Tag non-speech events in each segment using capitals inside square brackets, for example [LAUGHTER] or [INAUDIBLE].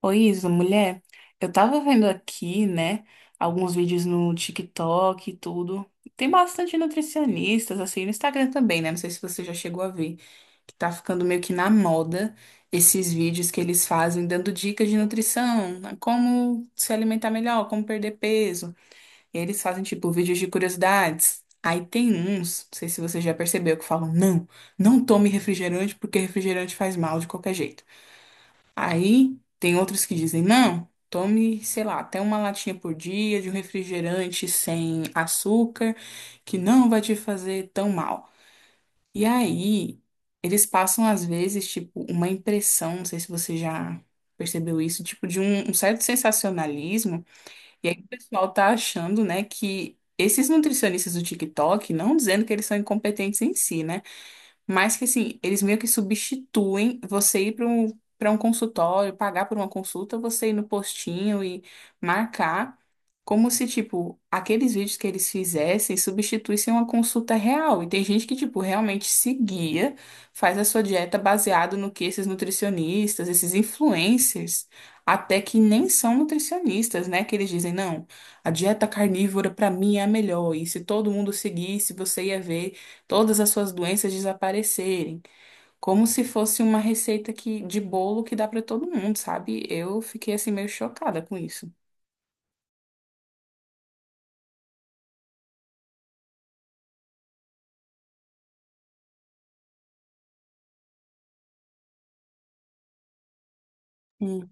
Oi, Isa, mulher, eu tava vendo aqui, né, alguns vídeos no TikTok e tudo. Tem bastante nutricionistas, assim, no Instagram também, né? Não sei se você já chegou a ver, que tá ficando meio que na moda esses vídeos que eles fazem dando dicas de nutrição, né, como se alimentar melhor, como perder peso. E aí eles fazem, tipo, vídeos de curiosidades. Aí tem uns, não sei se você já percebeu, que falam, não, não tome refrigerante porque refrigerante faz mal de qualquer jeito. Aí tem outros que dizem, não, tome, sei lá, até uma latinha por dia de um refrigerante sem açúcar, que não vai te fazer tão mal. E aí, eles passam, às vezes, tipo, uma impressão, não sei se você já percebeu isso, tipo, de um certo sensacionalismo. E aí o pessoal tá achando, né, que esses nutricionistas do TikTok, não dizendo que eles são incompetentes em si, né? Mas que assim, eles meio que substituem você ir para um consultório, pagar por uma consulta, você ir no postinho e marcar, como se, tipo, aqueles vídeos que eles fizessem substituíssem uma consulta real. E tem gente que, tipo, realmente se guia, faz a sua dieta baseado no que esses nutricionistas, esses influencers, até que nem são nutricionistas, né? Que eles dizem, não, a dieta carnívora para mim é a melhor, e se todo mundo seguisse, você ia ver todas as suas doenças desaparecerem, como se fosse uma receita que, de bolo que dá para todo mundo, sabe? Eu fiquei assim meio chocada com isso. Hum,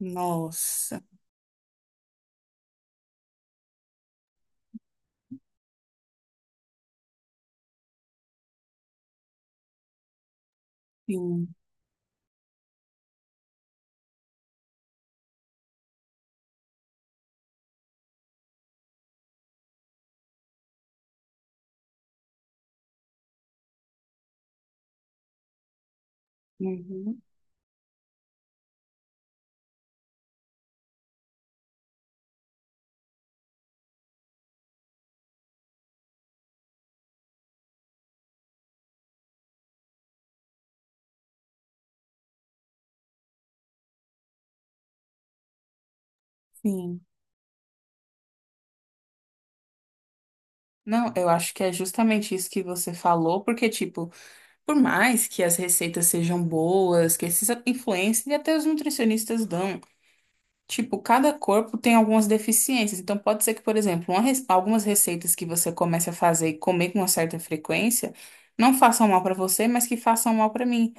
nossa, sim, uhum, sim. Não, eu acho que é justamente isso que você falou, porque, tipo, por mais que as receitas sejam boas, que esses influencers e até os nutricionistas dão. Tipo, cada corpo tem algumas deficiências. Então, pode ser que, por exemplo, algumas receitas que você comece a fazer e comer com uma certa frequência não façam mal para você, mas que façam mal para mim.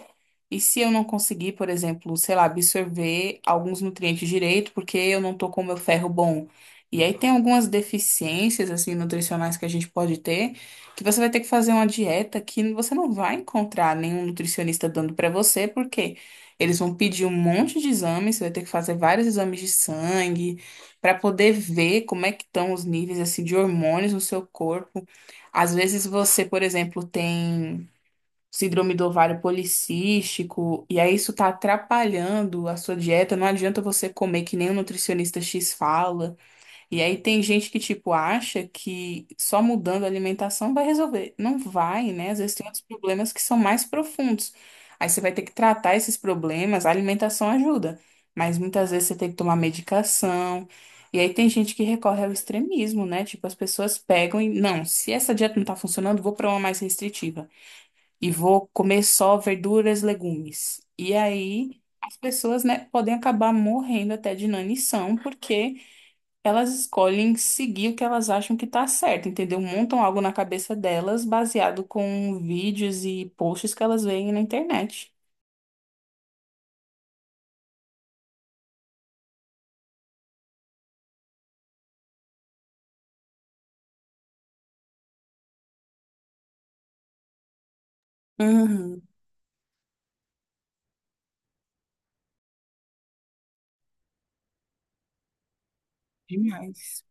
E se eu não conseguir, por exemplo, sei lá, absorver alguns nutrientes direito, porque eu não tô com o meu ferro bom. E aí tem algumas deficiências, assim, nutricionais que a gente pode ter, que você vai ter que fazer uma dieta que você não vai encontrar nenhum nutricionista dando pra você, porque eles vão pedir um monte de exames, você vai ter que fazer vários exames de sangue, pra poder ver como é que estão os níveis, assim, de hormônios no seu corpo. Às vezes você, por exemplo, tem síndrome do ovário policístico, e aí isso tá atrapalhando a sua dieta, não adianta você comer que nem o nutricionista X fala. E aí tem gente que, tipo, acha que só mudando a alimentação vai resolver. Não vai, né? Às vezes tem outros problemas que são mais profundos. Aí você vai ter que tratar esses problemas, a alimentação ajuda, mas muitas vezes você tem que tomar medicação. E aí tem gente que recorre ao extremismo, né? Tipo, as pessoas pegam e, não, se essa dieta não tá funcionando, vou pra uma mais restritiva e vou comer só verduras, legumes. E aí as pessoas, né, podem acabar morrendo até de inanição porque elas escolhem seguir o que elas acham que tá certo, entendeu? Montam algo na cabeça delas baseado com vídeos e posts que elas veem na internet. Uhum, demais.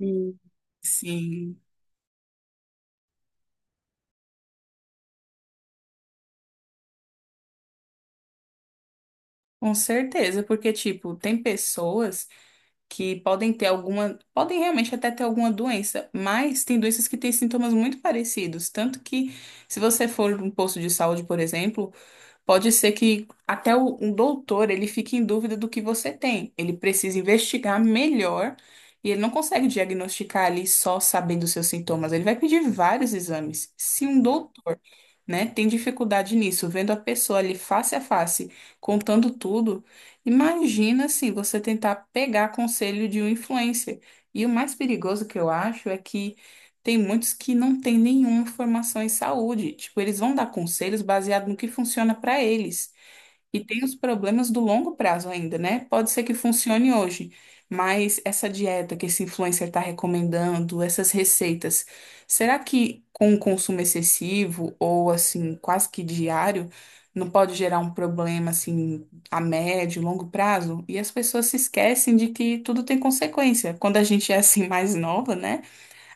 Hum. Sim, com certeza, porque, tipo, tem pessoas. Que podem ter alguma, podem realmente até ter alguma doença, mas tem doenças que têm sintomas muito parecidos, tanto que se você for num posto de saúde, por exemplo, pode ser que até o, um doutor ele fique em dúvida do que você tem. Ele precisa investigar melhor e ele não consegue diagnosticar ali só sabendo os seus sintomas. Ele vai pedir vários exames. Se um né, tem dificuldade nisso, vendo a pessoa ali face a face, contando tudo, imagina assim, você tentar pegar conselho de um influencer. E o mais perigoso que eu acho é que tem muitos que não têm nenhuma formação em saúde, tipo, eles vão dar conselhos baseado no que funciona para eles. E tem os problemas do longo prazo ainda, né? Pode ser que funcione hoje, mas essa dieta que esse influencer está recomendando, essas receitas, será que com o consumo excessivo ou assim, quase que diário, não pode gerar um problema assim a médio, longo prazo? E as pessoas se esquecem de que tudo tem consequência. Quando a gente é assim mais nova, né?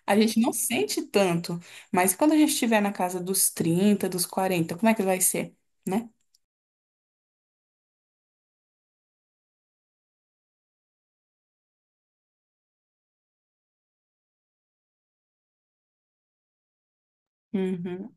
A gente não sente tanto, mas quando a gente estiver na casa dos 30, dos 40, como é que vai ser, né? Uhum.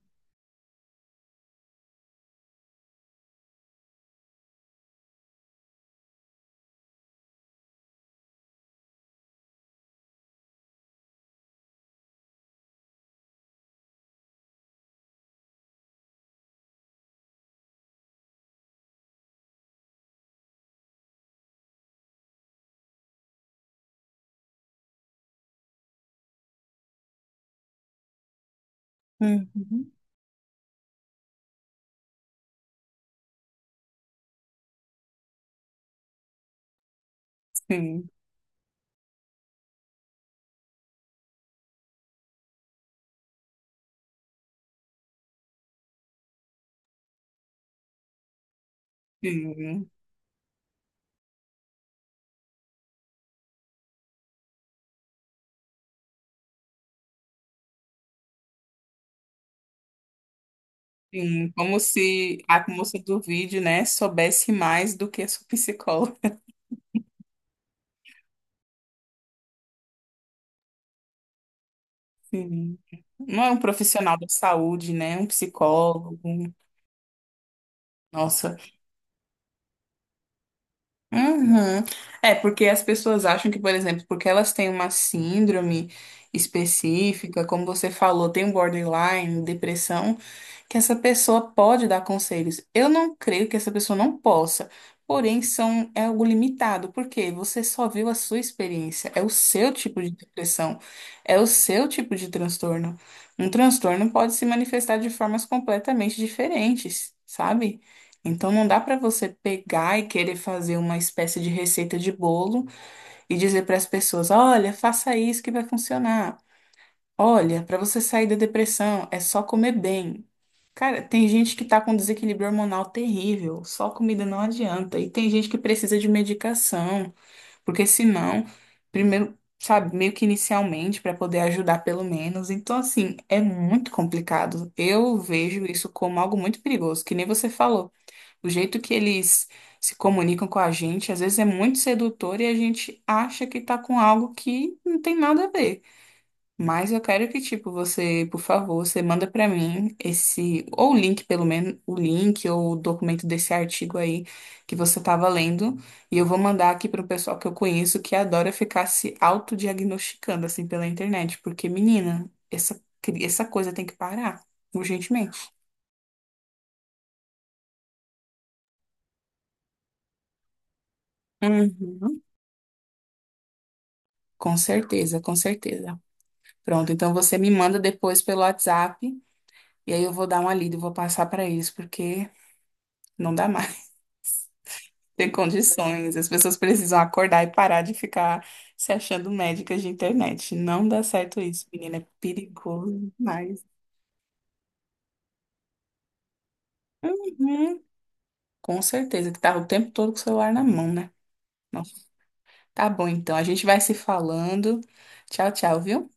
Uhum. Sim, sim, sim. Como se a moça do vídeo, né, soubesse mais do que a sua [LAUGHS] psicóloga. Sim. Não é um profissional da saúde, né? Um psicólogo. Nossa. Uhum. É, porque as pessoas acham que, por exemplo, porque elas têm uma síndrome específica, como você falou, tem um borderline, depressão. Que essa pessoa pode dar conselhos. Eu não creio que essa pessoa não possa, porém são, é algo limitado, porque você só viu a sua experiência, é o seu tipo de depressão, é o seu tipo de transtorno. Um transtorno pode se manifestar de formas completamente diferentes, sabe? Então não dá para você pegar e querer fazer uma espécie de receita de bolo e dizer para as pessoas, olha, faça isso que vai funcionar. Olha, para você sair da depressão é só comer bem. Cara, tem gente que tá com desequilíbrio hormonal terrível, só comida não adianta. E tem gente que precisa de medicação, porque senão, primeiro, sabe, meio que inicialmente, para poder ajudar pelo menos. Então, assim, é muito complicado. Eu vejo isso como algo muito perigoso, que nem você falou. O jeito que eles se comunicam com a gente, às vezes é muito sedutor e a gente acha que tá com algo que não tem nada a ver. Mas eu quero que, tipo, você, por favor, você manda pra mim ou o link, pelo menos, o link ou o documento desse artigo aí que você tava lendo, e eu vou mandar aqui pro pessoal que eu conheço que adora ficar se autodiagnosticando, assim, pela internet, porque, menina, essa coisa tem que parar, urgentemente. Uhum. Com certeza, com certeza. Pronto, então você me manda depois pelo WhatsApp, e aí eu vou dar uma lida e vou passar pra eles, porque não dá mais ter condições. As pessoas precisam acordar e parar de ficar se achando médicas de internet. Não dá certo isso, menina. É perigoso demais. Uhum. Com certeza que tava o tempo todo com o celular na mão, né? Nossa. Tá bom, então. A gente vai se falando. Tchau, tchau, viu?